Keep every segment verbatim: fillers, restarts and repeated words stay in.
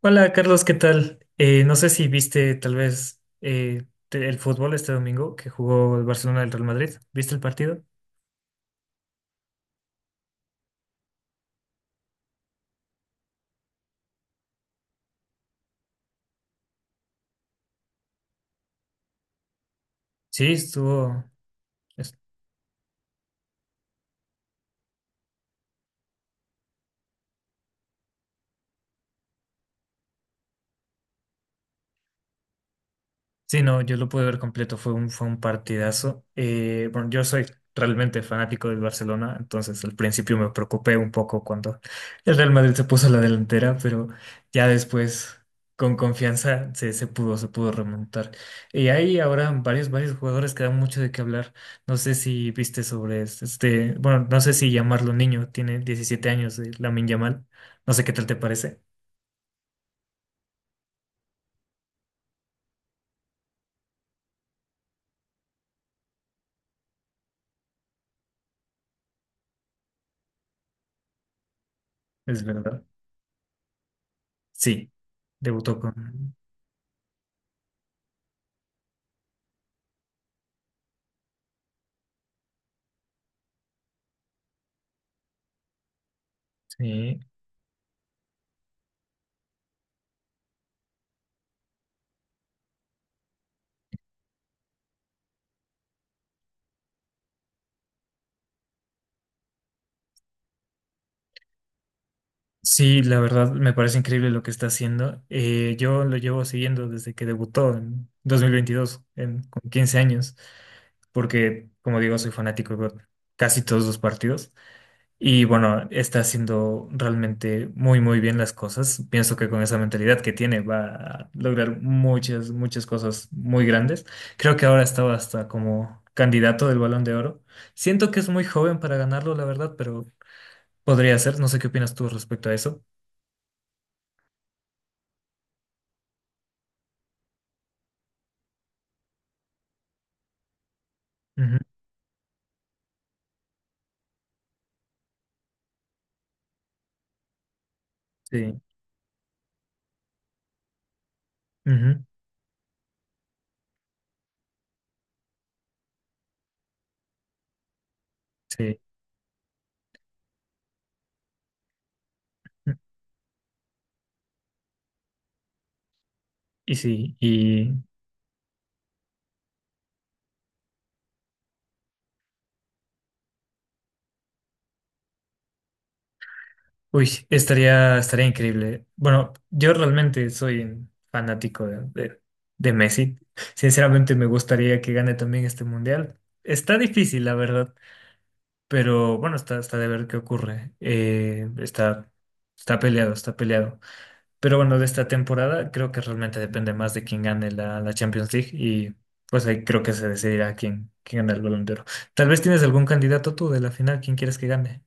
Hola Carlos, ¿qué tal? Eh, no sé si viste tal vez eh, te- el fútbol este domingo que jugó el Barcelona del Real Madrid. ¿Viste el partido? Sí, estuvo. Sí, no, yo lo pude ver completo, fue un, fue un partidazo. Eh, bueno, yo soy realmente fanático del Barcelona, entonces al principio me preocupé un poco cuando el Real Madrid se puso a la delantera, pero ya después con confianza se, se pudo, se pudo remontar. Y hay ahora varios, varios jugadores que dan mucho de qué hablar. No sé si viste sobre este, este- bueno, no sé si llamarlo niño, tiene diecisiete años, la Lamine Yamal. No sé qué tal te parece, es verdad. Sí, debutó con... sí. Sí, la verdad me parece increíble lo que está haciendo. Eh, yo lo llevo siguiendo desde que debutó en dos mil veintidós, en, con 15 años, porque, como digo, soy fanático de casi todos los partidos. Y bueno, está haciendo realmente muy, muy bien las cosas. Pienso que con esa mentalidad que tiene va a lograr muchas, muchas cosas muy grandes. Creo que ahora estaba hasta como candidato del Balón de Oro. Siento que es muy joven para ganarlo, la verdad, pero podría ser. No sé qué opinas tú respecto a eso. Sí, ujú, sí, mm, y sí, y uy, estaría, estaría increíble. Bueno, yo realmente soy un fanático de, de- de Messi. Sinceramente me gustaría que gane también este mundial. Está difícil, la verdad, pero bueno, está, está de ver qué ocurre. Eh, está, está peleado, está peleado. Pero bueno, de esta temporada creo que realmente depende más de quién gane la, la Champions League y pues ahí creo que se decidirá quién, quién gana el Balón de Oro. Tal vez tienes algún candidato tú de la final, ¿quién quieres que gane?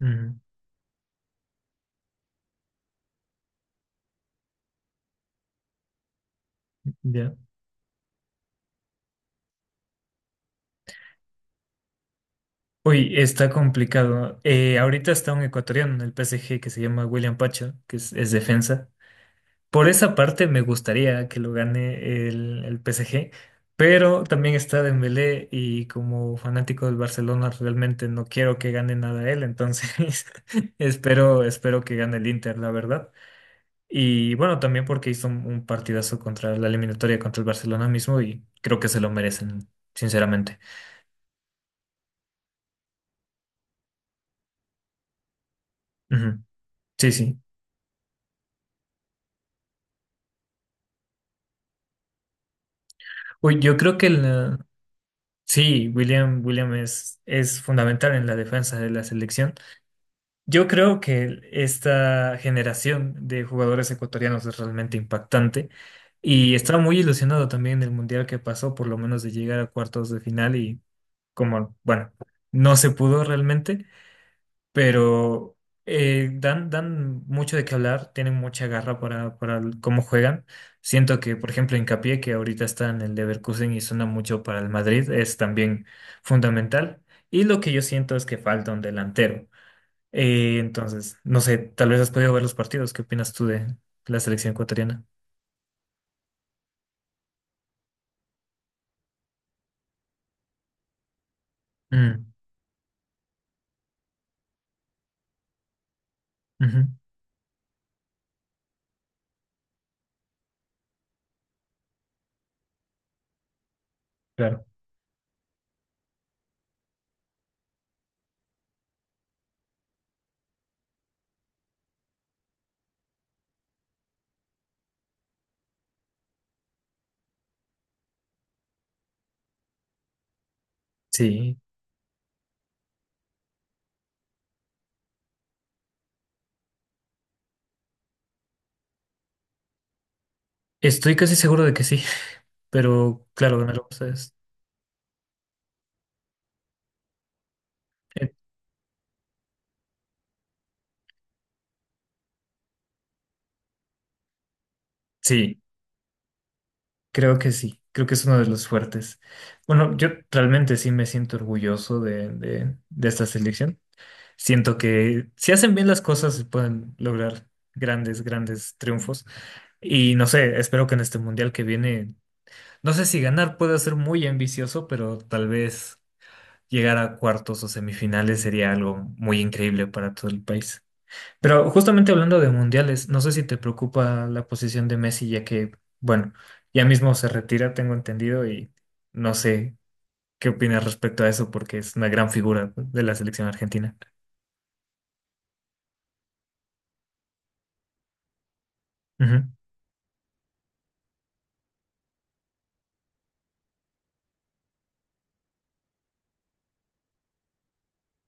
Ujú, ya. Uy, está complicado. Eh, ahorita está un ecuatoriano en el P S G que se llama William Pacha que es, es defensa. Por esa parte me gustaría que lo gane el, el P S G, pero también está Dembélé y como fanático del Barcelona realmente no quiero que gane nada él, entonces espero, espero que gane el Inter, la verdad. Y bueno, también porque hizo un, un partidazo contra la eliminatoria contra el Barcelona mismo y creo que se lo merecen, sinceramente. Ujú. Sí, sí. Uy, yo creo que la- sí, William, William es, es fundamental en la defensa de la selección. Yo creo que esta generación de jugadores ecuatorianos es realmente impactante y estaba muy ilusionado también del mundial que pasó, por lo menos de llegar a cuartos de final y como, bueno, no se pudo realmente, pero eh, dan, dan mucho de qué hablar, tienen mucha garra para, para el- cómo juegan. Siento que, por ejemplo, Hincapié, que ahorita está en el Leverkusen y suena mucho para el Madrid, es también fundamental. Y lo que yo siento es que falta un delantero. Eh, entonces, no sé, tal vez has podido ver los partidos. ¿Qué opinas tú de la selección ecuatoriana? Mm, ujú, claro. Sí, estoy casi seguro de que sí, pero claro, ganaron ustedes. Eh, sí, creo que sí, creo que es uno de los fuertes. Bueno, yo realmente sí me siento orgulloso de, de, de esta selección. Siento que si hacen bien las cosas se pueden lograr grandes, grandes triunfos. Y no sé, espero que en este mundial que viene. No sé si ganar puede ser muy ambicioso, pero tal vez llegar a cuartos o semifinales sería algo muy increíble para todo el país. Pero justamente hablando de mundiales, no sé si te preocupa la posición de Messi, ya que, bueno, ya mismo se retira, tengo entendido, y no sé qué opinas respecto a eso, porque es una gran figura de la selección argentina. Ujú,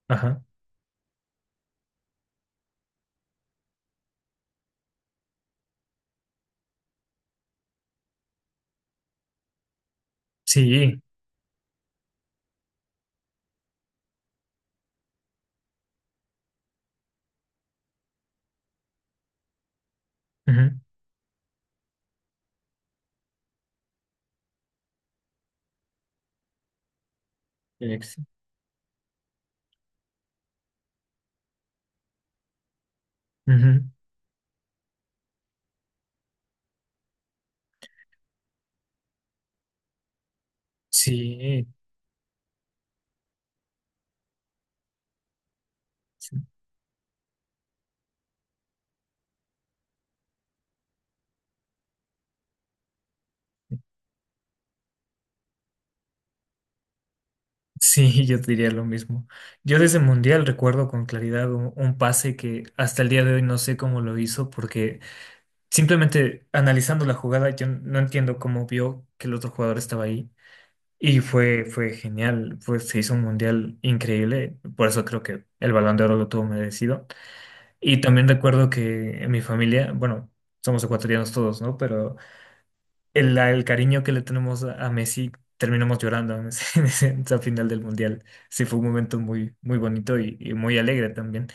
ajá. Sí. Ujú, ex- ujú. Sí, sí. Sí, yo diría lo mismo. Yo desde Mundial recuerdo con claridad un, un pase que hasta el día de hoy no sé cómo lo hizo, porque simplemente analizando la jugada, yo no entiendo cómo vio que el otro jugador estaba ahí. Y fue, fue genial, fue, se hizo un Mundial increíble, por eso creo que el Balón de Oro lo tuvo merecido. Y también recuerdo que en mi familia, bueno, somos ecuatorianos todos, ¿no? Pero el, el cariño que le tenemos a, a Messi, terminamos llorando en ese- en ese- en esa final del Mundial. Sí, fue un momento muy, muy bonito y, y muy alegre también.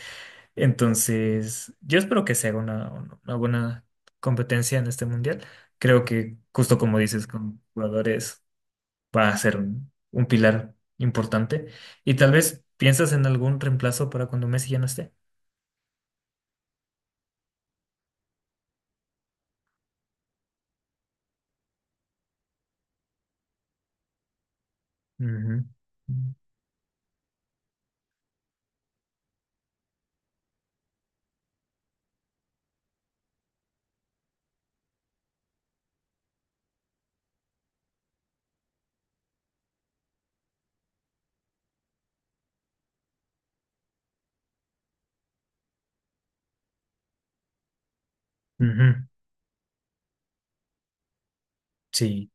Entonces, yo espero que sea una, una buena competencia en este Mundial. Creo que, justo como dices, con jugadores va a ser un, un pilar importante. Y tal vez piensas en algún reemplazo para cuando Messi ya no esté. Ujú. Ujú. Sí.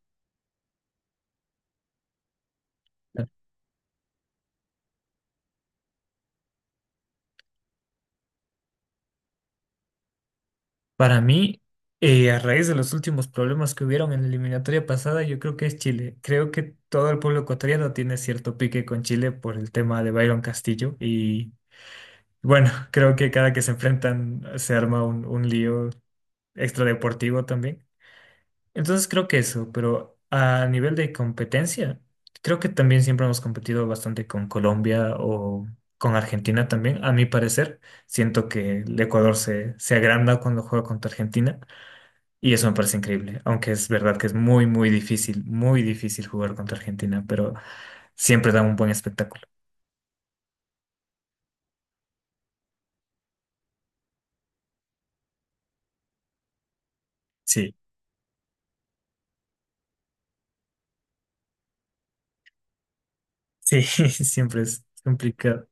Para mí, eh, a raíz de los últimos problemas que hubieron en la eliminatoria pasada, yo creo que es Chile. Creo que todo el pueblo ecuatoriano tiene cierto pique con Chile por el tema de Byron Castillo. Y bueno, creo que cada que se enfrentan se arma un, un lío extradeportivo también. Entonces creo que eso, pero a nivel de competencia, creo que también siempre hemos competido bastante con Colombia o con Argentina también, a mi parecer. Siento que el Ecuador se, se agranda cuando juega contra Argentina. Y eso me parece increíble, aunque es verdad que es muy, muy difícil, muy difícil jugar contra Argentina, pero siempre da un buen espectáculo. Sí, sí, siempre es complicado.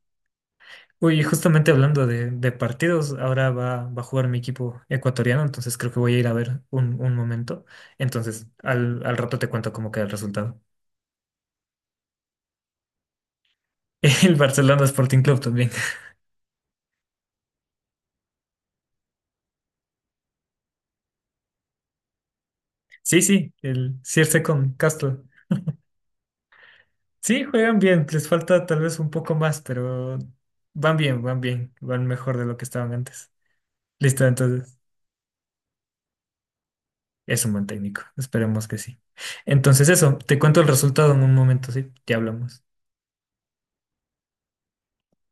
Uy, y justamente hablando de, de partidos, ahora va, va a jugar mi equipo ecuatoriano, entonces creo que voy a ir a ver un, un momento. Entonces, al, al rato te cuento cómo queda el resultado. El Barcelona Sporting Club también. Sí, sí, el Circe con Castro. Sí, juegan bien, les falta tal vez un poco más, pero van bien, van bien, van mejor de lo que estaban antes. Listo, entonces es un buen técnico, esperemos que sí. Entonces eso, te cuento el resultado en un momento, sí, ya hablamos.